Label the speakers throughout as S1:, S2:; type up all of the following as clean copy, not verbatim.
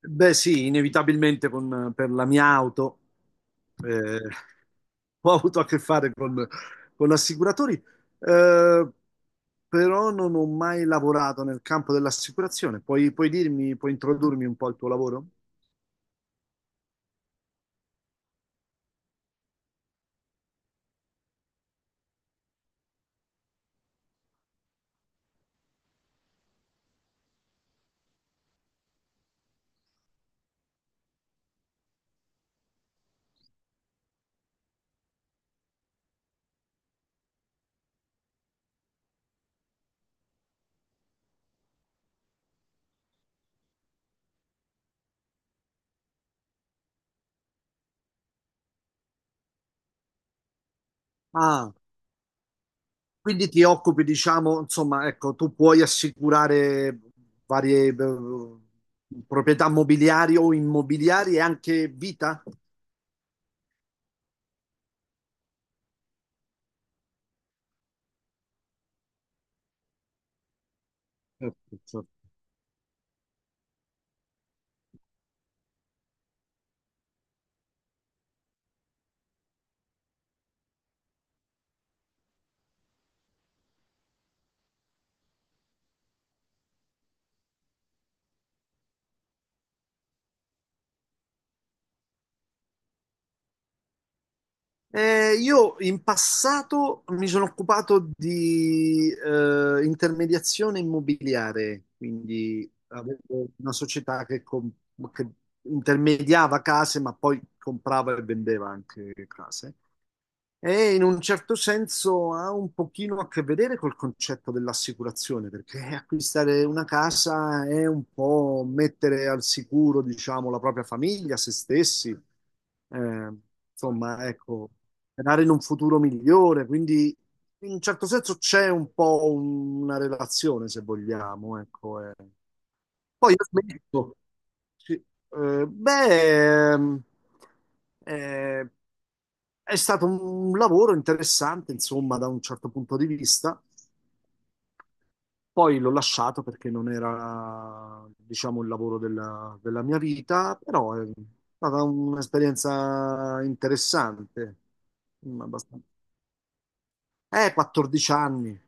S1: Beh, sì, inevitabilmente per la mia auto eh, ho avuto a che fare con assicuratori, però non ho mai lavorato nel campo dell'assicurazione. Puoi dirmi, puoi introdurmi un po' al tuo lavoro? Ah, quindi ti occupi, diciamo, insomma, ecco, tu puoi assicurare varie proprietà mobiliari o immobiliari e anche vita? Ecco. Io in passato mi sono occupato di intermediazione immobiliare, quindi avevo una società che intermediava case, ma poi comprava e vendeva anche case. E in un certo senso ha un pochino a che vedere col concetto dell'assicurazione, perché acquistare una casa è un po' mettere al sicuro, diciamo, la propria famiglia, se stessi, insomma, ecco, sperare in un futuro migliore. Quindi, in un certo senso, c'è un po' una relazione, se vogliamo, ecco. Poi ho smesso. Sì. Beh, eh, è stato un lavoro interessante, insomma, da un certo punto di vista. Poi l'ho lasciato perché non era, diciamo, il lavoro della mia vita, però è stata un'esperienza interessante. Abbastanza. 14 anni.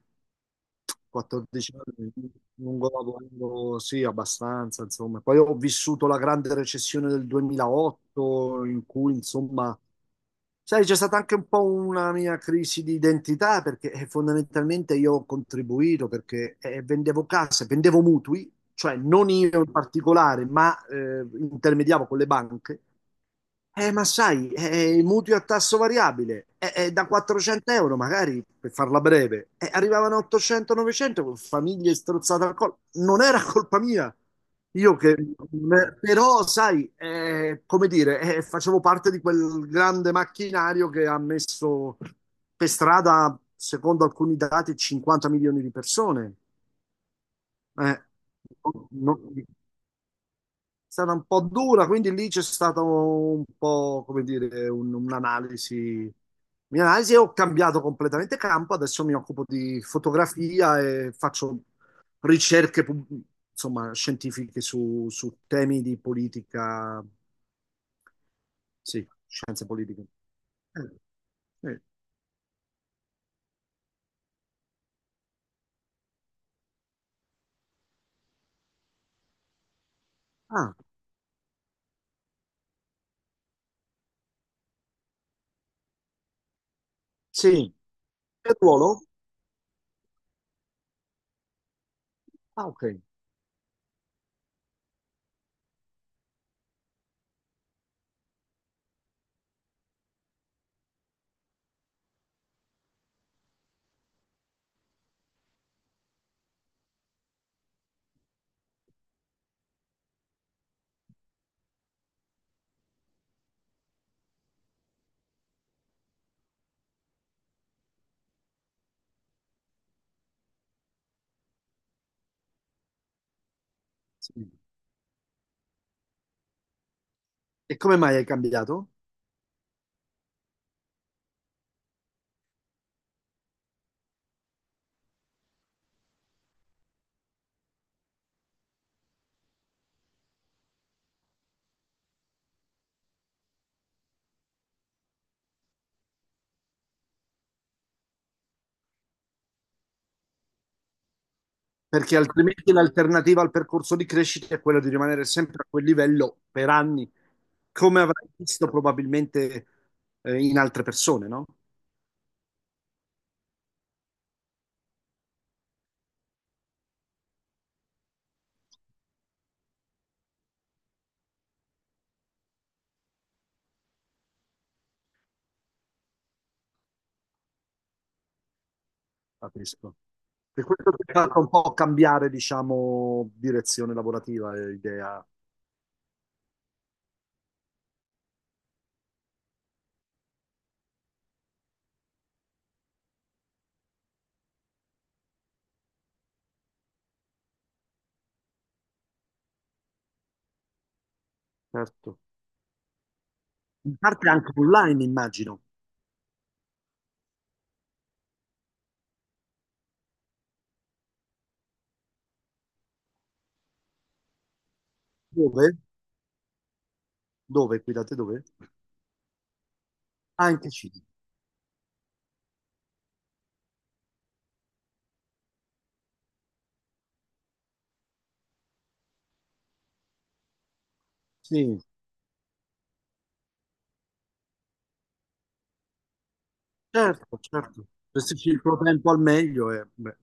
S1: 14 anni, lungo lavoro, sì, abbastanza, insomma. Poi ho vissuto la grande recessione del 2008, in cui, insomma, sai, c'è stata anche un po' una mia crisi di identità, perché fondamentalmente io ho contribuito, perché vendevo case, vendevo mutui, cioè non io in particolare, ma intermediavo con le banche ma sai, i mutui a tasso variabile, da 400 euro magari, per farla breve, arrivavano a 800-900 con famiglie strozzate al collo. Non era colpa mia, io che... Però, sai, come dire, facevo parte di quel grande macchinario che ha messo per strada, secondo alcuni dati, 50 milioni di persone. Eh, no, stata un po' dura, quindi lì c'è stato un po', come dire, un'analisi. Un'analisi e ho cambiato completamente campo, adesso mi occupo di fotografia e faccio ricerche, insomma, scientifiche su temi di politica, sì, scienze politiche. Eh, sì. Ah, sì, per ruolo? Ah, ok. Sì. E come mai hai cambiato? Perché altrimenti l'alternativa al percorso di crescita è quella di rimanere sempre a quel livello per anni, come avrai visto probabilmente in altre persone, no? Capisco. E questo ti fa un po' cambiare, diciamo, direzione lavorativa e idea. Certo. In parte anche online, immagino. Dove? Dove? Qui da te dove? Anche CD. Sì, certo, certo. Gestisci il tuo tempo al meglio è beh,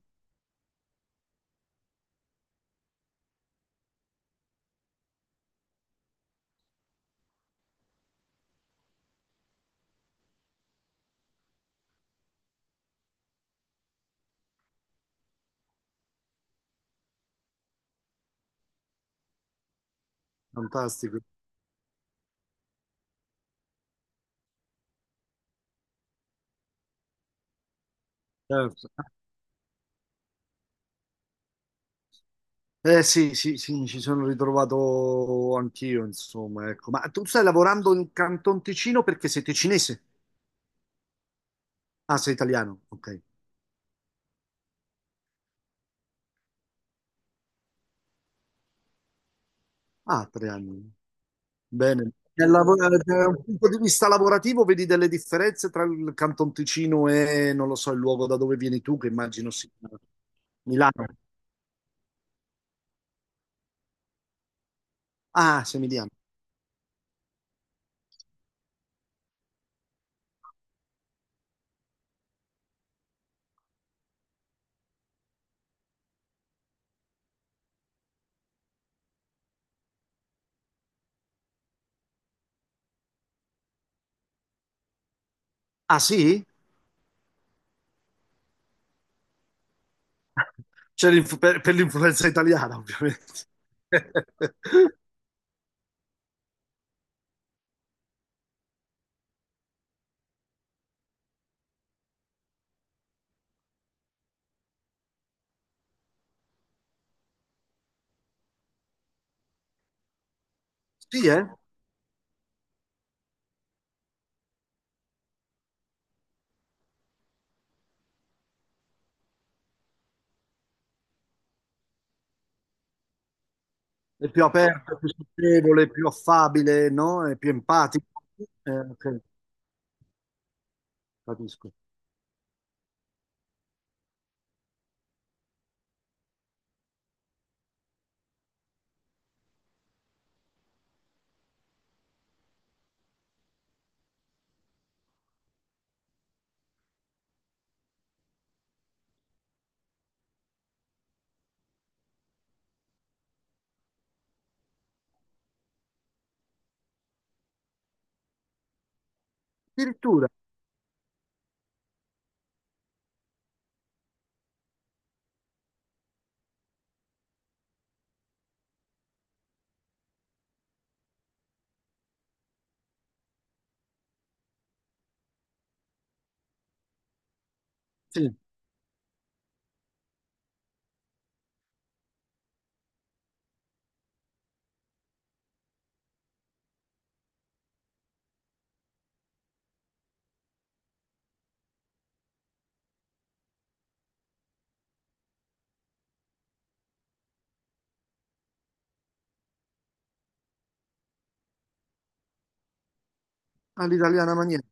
S1: fantastico. Certo. Eh sì, sì, sì, mi ci sono ritrovato anch'io, insomma, ecco. Ma tu stai lavorando in Canton Ticino perché sei ticinese? Ah, sei italiano, ok. Ah, tre anni. Bene. Dal un punto di vista lavorativo vedi delle differenze tra il Canton Ticino e, non lo so, il luogo da dove vieni tu, che immagino sia Milano. Ah, sei Milano. Ah sì? C'è per l'influenza italiana, ovviamente. Sì, eh? È più aperto, è più socievole, è più affabile, no? È più empatico. Ok, capisco. Addirittura, sì, all'italiana maniera,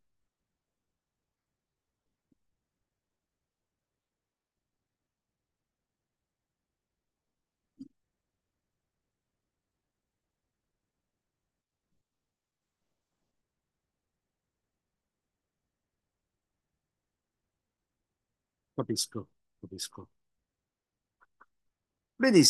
S1: capisco, capisco. Vedi,